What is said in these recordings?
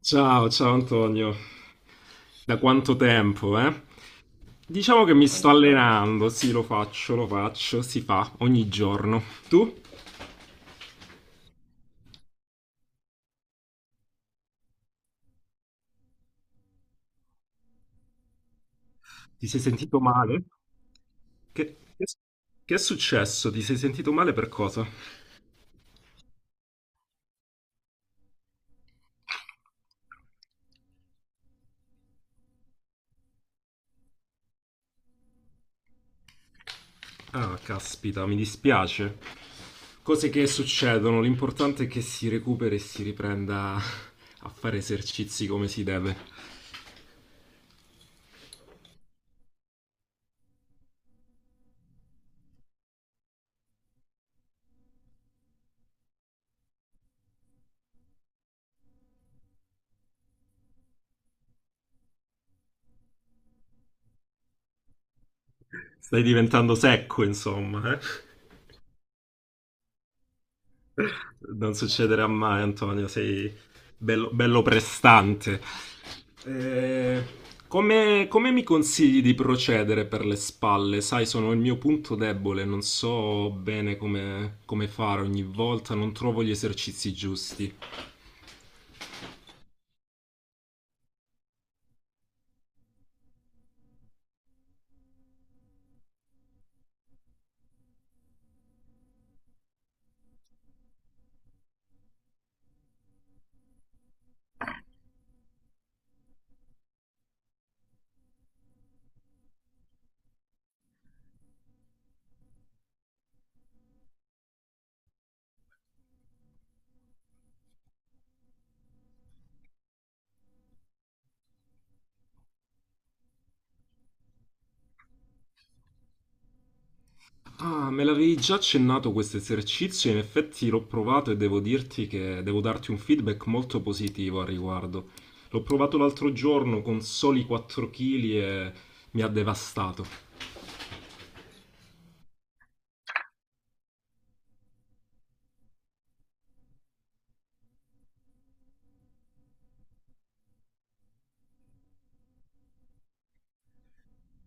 Ciao, ciao Antonio, da quanto tempo, eh? Diciamo che mi sto allenando, sì, lo faccio, si fa ogni giorno. Tu? Ti sei sentito male? Che, che- che è successo? Ti sei sentito male per cosa? Ah, caspita, mi dispiace. Cose che succedono, l'importante è che si recuperi e si riprenda a fare esercizi come si deve. Stai diventando secco, insomma, eh? Non succederà mai, Antonio, sei bello, bello prestante. Eh, come mi consigli di procedere per le spalle? Sai, sono il mio punto debole, non so bene come, come fare ogni volta, non trovo gli esercizi giusti. Ah, me l'avevi già accennato questo esercizio, in effetti l'ho provato e devo dirti che devo darti un feedback molto positivo al riguardo. L'ho provato l'altro giorno con soli 4 kg e mi ha devastato.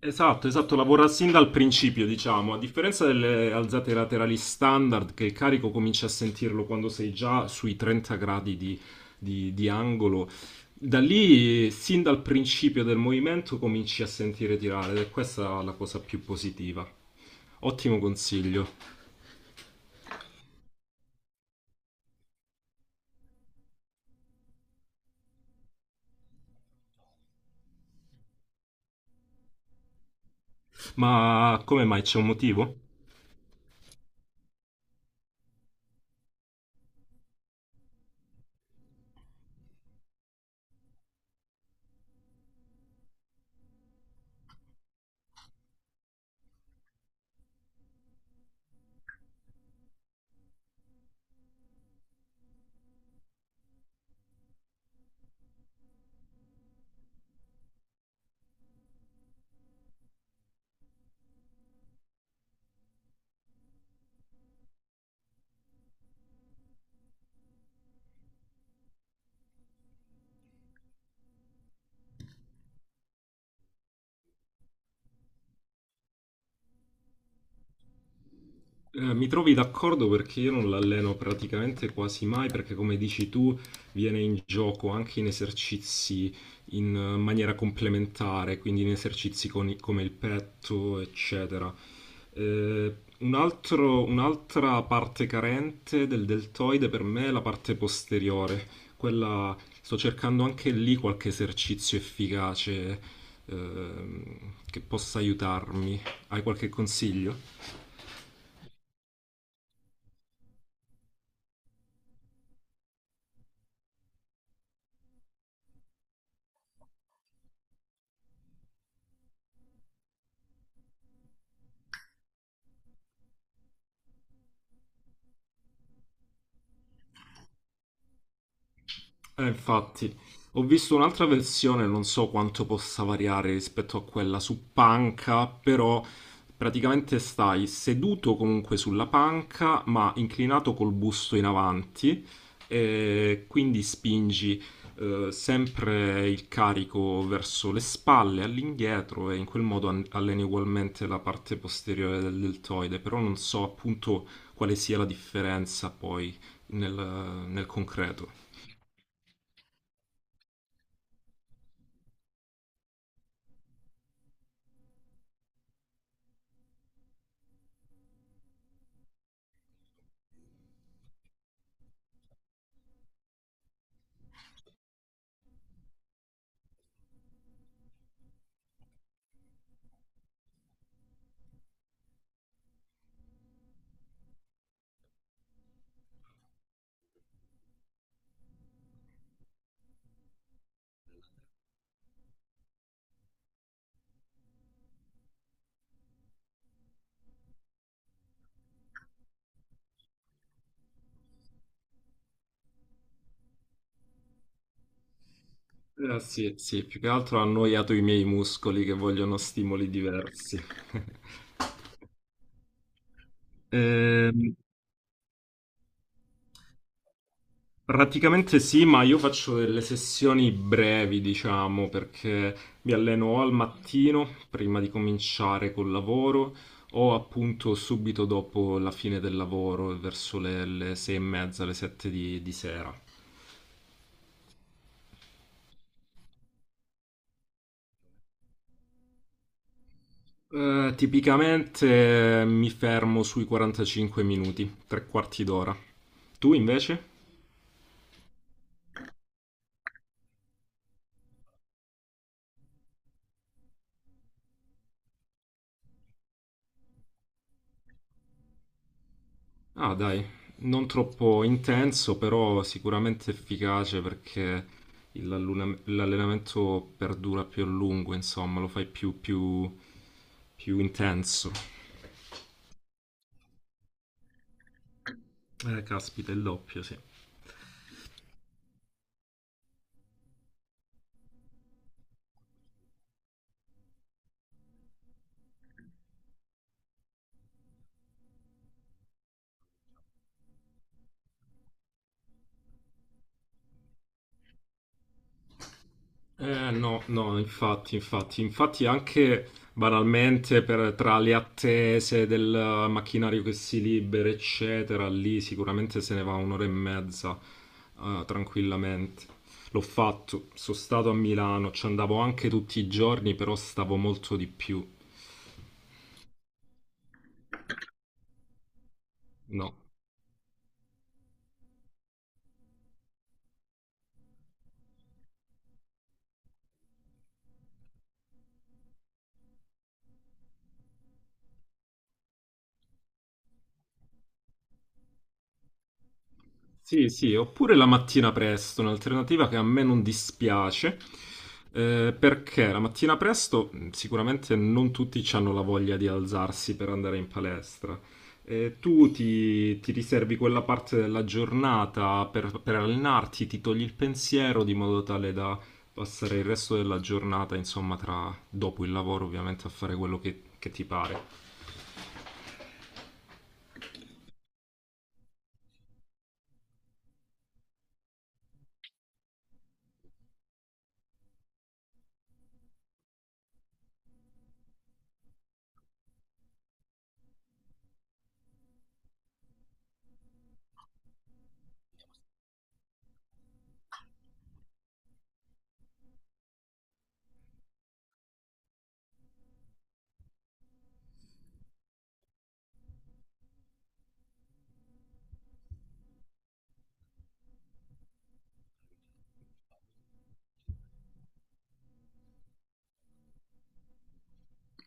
Esatto, esatto, lavora sin dal principio, diciamo, a differenza delle alzate laterali standard, che il carico cominci a sentirlo quando sei già sui 30 gradi di angolo, da lì, sin dal principio del movimento, cominci a sentire tirare, ed è questa la cosa più positiva. Ottimo consiglio, ma come mai c'è un motivo? Mi trovi d'accordo perché io non l'alleno praticamente quasi mai, perché come dici tu, viene in gioco anche in esercizi in maniera complementare, quindi in esercizi come il petto, eccetera. Eh, un'altra parte carente del deltoide per me è la parte posteriore. Quella, sto cercando anche lì qualche esercizio efficace, ehm, che possa aiutarmi. Hai qualche consiglio? Infatti, ho visto un'altra versione, non so quanto possa variare rispetto a quella su panca, però praticamente stai seduto comunque sulla panca, ma inclinato col busto in avanti, e quindi spingi sempre il carico verso le spalle, all'indietro, e in quel modo alleni ugualmente la parte posteriore del deltoide, però non so appunto quale sia la differenza poi nel nel concreto. Sì, sì, più che altro ha annoiato i miei muscoli che vogliono stimoli diversi. Ehm, praticamente sì, ma io faccio delle sessioni brevi, diciamo, perché mi alleno o al mattino, prima di cominciare col lavoro, o appunto subito dopo la fine del lavoro, verso le sei e mezza, le sette di sera. Tipicamente mi fermo sui 45 minuti, tre quarti d'ora. Tu invece? Ah, dai, non troppo intenso, però sicuramente efficace perché l'allenamento perdura più a lungo, insomma, lo fai più intenso. Caspita, il doppio, sì. No, no, infatti, infatti, infatti anche banalmente tra le attese del macchinario che si libera, eccetera, lì sicuramente se ne va un'ora e mezza, tranquillamente. L'ho fatto, sono stato a Milano, ci andavo anche tutti i giorni, però stavo molto di più. No. Sì, sì, oppure la mattina presto, un'alternativa che a me non dispiace, perché la mattina presto sicuramente non tutti hanno la voglia di alzarsi per andare in palestra. Ti riservi quella parte della giornata per allenarti, ti togli il pensiero di modo tale da passare il resto della giornata, insomma, tra, dopo il lavoro ovviamente, a fare quello che ti pare.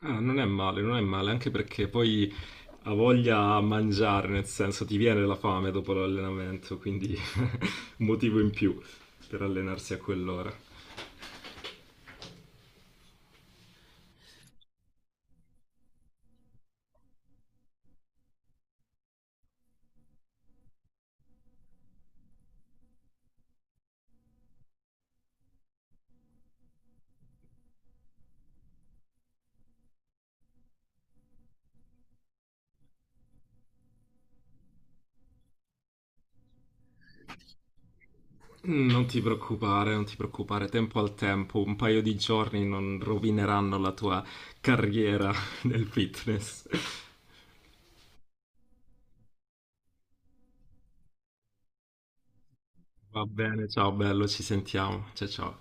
Ah, non è male, non è male, anche perché poi ha voglia a mangiare, nel senso ti viene la fame dopo l'allenamento, quindi un motivo in più per allenarsi a quell'ora. Mm, non ti preoccupare, non ti preoccupare, tempo al tempo, un paio di giorni non rovineranno la tua carriera nel fitness. Va bene, ciao bello, ci sentiamo. Ciao ciao.